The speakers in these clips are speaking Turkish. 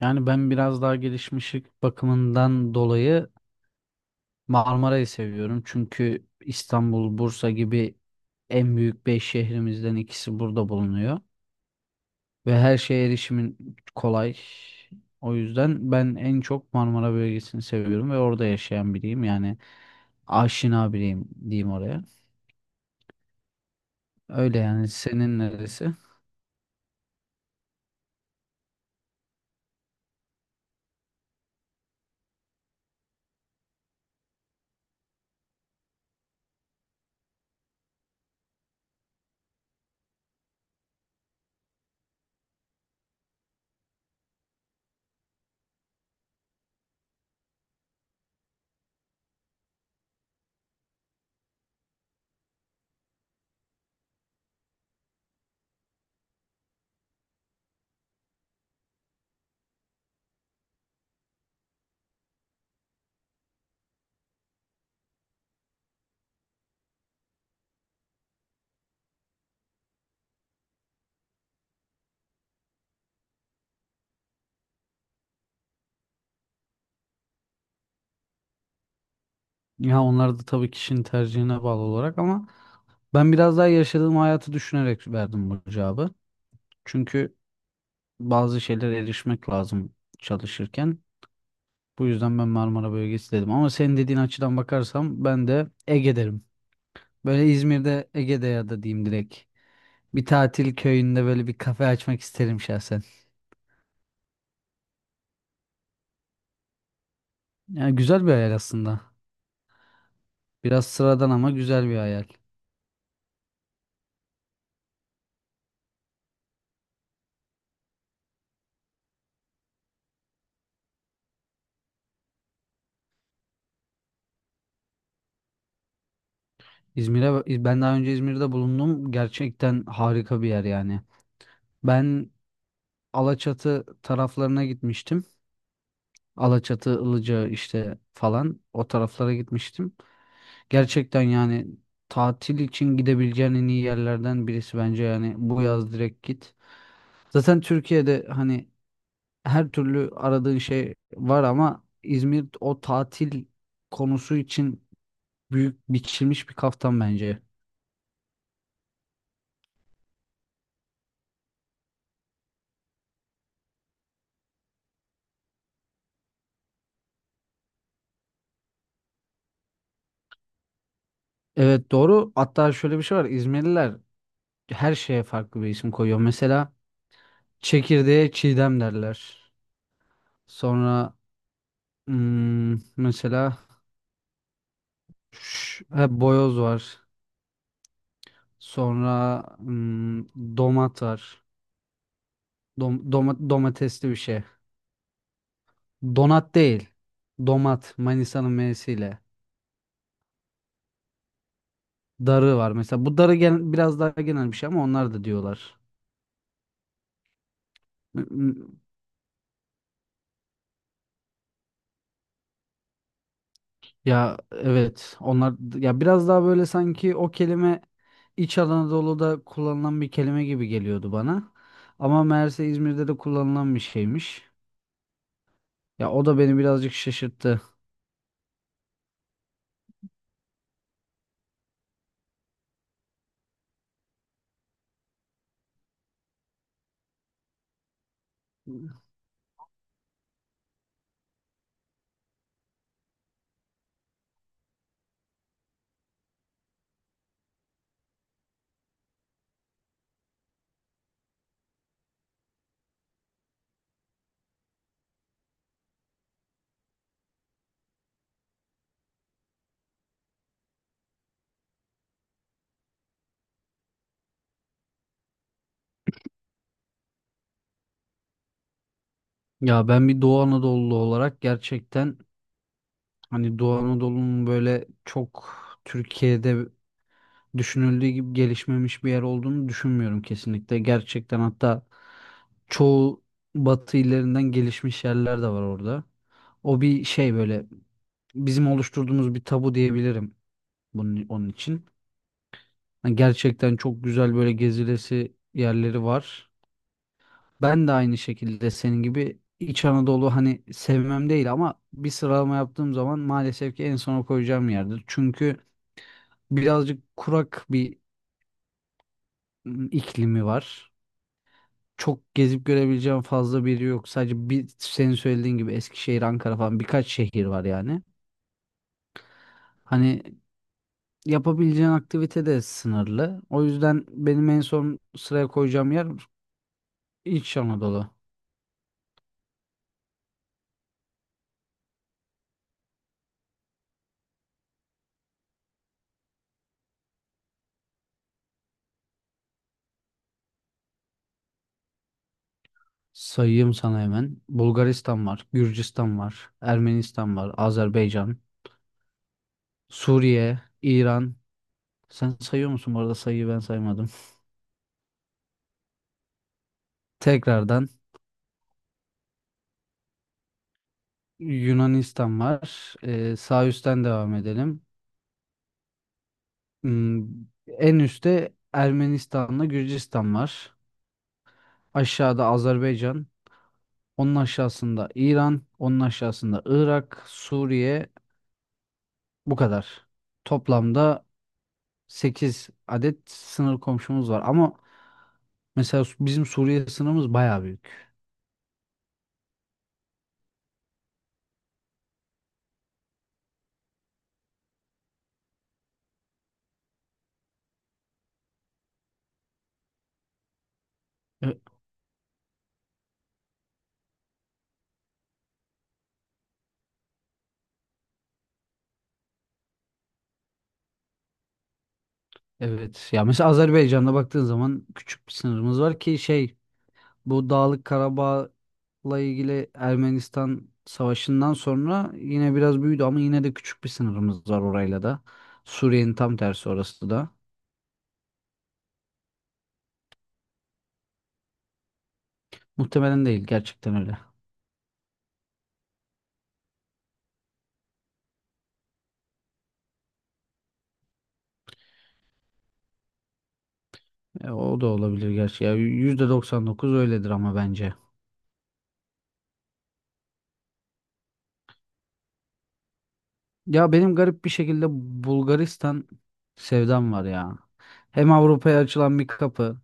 Yani ben biraz daha gelişmişlik bakımından dolayı Marmara'yı seviyorum. Çünkü İstanbul, Bursa gibi en büyük 5 şehrimizden ikisi burada bulunuyor. Ve her şeye erişimin kolay. O yüzden ben en çok Marmara bölgesini seviyorum ve orada yaşayan biriyim. Yani aşina biriyim diyeyim oraya. Öyle yani senin neresi? Ya onlar da tabii kişinin tercihine bağlı olarak ama ben biraz daha yaşadığım hayatı düşünerek verdim bu cevabı. Çünkü bazı şeylere erişmek lazım çalışırken. Bu yüzden ben Marmara bölgesi dedim. Ama senin dediğin açıdan bakarsam ben de Ege derim. Böyle İzmir'de Ege'de ya da diyeyim direkt. Bir tatil köyünde böyle bir kafe açmak isterim şahsen. Yani güzel bir hayal aslında. Biraz sıradan ama güzel bir hayal. İzmir'e ben daha önce İzmir'de bulundum. Gerçekten harika bir yer yani. Ben Alaçatı taraflarına gitmiştim. Alaçatı, Ilıca işte falan o taraflara gitmiştim. Gerçekten yani tatil için gidebileceğin en iyi yerlerden birisi bence yani bu yaz direkt git. Zaten Türkiye'de hani her türlü aradığın şey var ama İzmir o tatil konusu için büyük biçilmiş bir kaftan bence. Evet doğru. Hatta şöyle bir şey var. İzmirliler her şeye farklı bir isim koyuyor. Mesela çekirdeğe çiğdem derler. Sonra mesela ha, boyoz var. Sonra domat var. Domatesli bir şey. Donat değil. Domat. Manisa'nın M'siyle. Darı var mesela. Bu darı biraz daha genel bir şey ama onlar da diyorlar. M- m- Ya evet. Onlar ya biraz daha böyle sanki o kelime İç Anadolu'da kullanılan bir kelime gibi geliyordu bana. Ama meğerse İzmir'de de kullanılan bir şeymiş. Ya o da beni birazcık şaşırttı. Ya ben bir Doğu Anadolu olarak gerçekten hani Doğu Anadolu'nun böyle çok Türkiye'de düşünüldüğü gibi gelişmemiş bir yer olduğunu düşünmüyorum kesinlikle. Gerçekten hatta çoğu batı illerinden gelişmiş yerler de var orada. O bir şey böyle bizim oluşturduğumuz bir tabu diyebilirim bunun onun için. Yani gerçekten çok güzel böyle gezilesi yerleri var. Ben de aynı şekilde senin gibi İç Anadolu hani sevmem değil ama bir sıralama yaptığım zaman maalesef ki en sona koyacağım yerdir. Çünkü birazcık kurak bir iklimi var. Çok gezip görebileceğim fazla bir yer yok. Sadece bir senin söylediğin gibi Eskişehir, Ankara falan birkaç şehir var yani. Hani yapabileceğin aktivite de sınırlı. O yüzden benim en son sıraya koyacağım yer İç Anadolu. Sayayım sana hemen. Bulgaristan var, Gürcistan var, Ermenistan var, Azerbaycan, Suriye, İran. Sen sayıyor musun? Bu arada sayıyı ben saymadım. Tekrardan Yunanistan var. Sağ üstten devam edelim. Hmm, En üstte Ermenistan'la Gürcistan var. Aşağıda Azerbaycan. Onun aşağısında İran. Onun aşağısında Irak, Suriye. Bu kadar. Toplamda 8 adet sınır komşumuz var. Ama mesela bizim Suriye sınırımız bayağı büyük. E- Evet. Ya mesela Azerbaycan'da baktığın zaman küçük bir sınırımız var ki şey bu Dağlık Karabağ ilgili Ermenistan savaşından sonra yine biraz büyüdü ama yine de küçük bir sınırımız var orayla da. Suriye'nin tam tersi orası da. Muhtemelen değil gerçekten öyle. E, o da olabilir gerçi. Ya %99 öyledir ama bence. Ya benim garip bir şekilde Bulgaristan sevdam var ya. Hem Avrupa'ya açılan bir kapı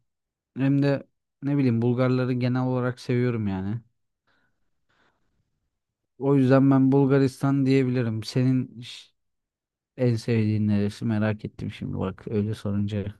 hem de ne bileyim Bulgarları genel olarak seviyorum yani. O yüzden ben Bulgaristan diyebilirim. Senin en sevdiğin neresi merak ettim şimdi bak öyle sorunca.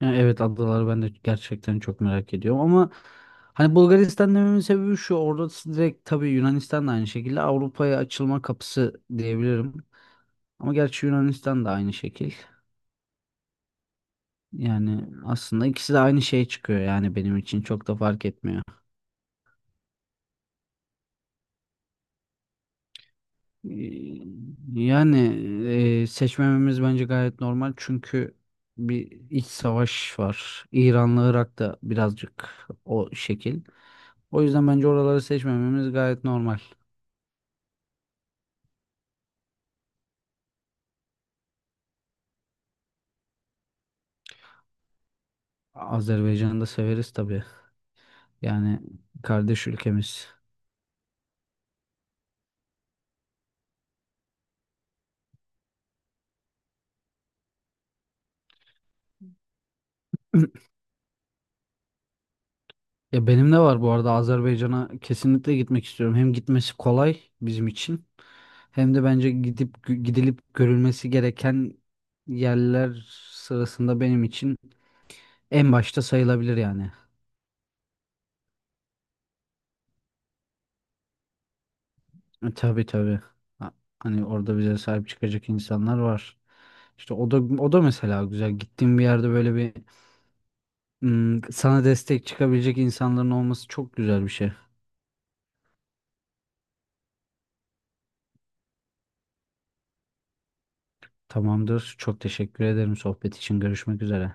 Yani evet adaları ben de gerçekten çok merak ediyorum ama hani Bulgaristan dememin sebebi şu orada direkt tabii Yunanistan da aynı şekilde Avrupa'ya açılma kapısı diyebilirim. Ama gerçi Yunanistan da aynı şekil. Yani aslında ikisi de aynı şeye çıkıyor yani benim için çok da fark etmiyor. Ee, Yani seçmememiz bence gayet normal çünkü bir iç savaş var. İran'la Irak da birazcık o şekil. O yüzden bence oraları seçmememiz gayet normal. Azerbaycan'ı da severiz tabii. Yani kardeş ülkemiz. Ya benim de var bu arada Azerbaycan'a kesinlikle gitmek istiyorum. Hem gitmesi kolay bizim için hem de bence gidip gidilip görülmesi gereken yerler sırasında benim için en başta sayılabilir yani. E, tabii tabii. Ha- Hani orada bize sahip çıkacak insanlar var. İşte o da mesela güzel. Gittiğim bir yerde böyle bir sana destek çıkabilecek insanların olması çok güzel bir şey. Tamamdır. Çok teşekkür ederim sohbet için. Görüşmek üzere.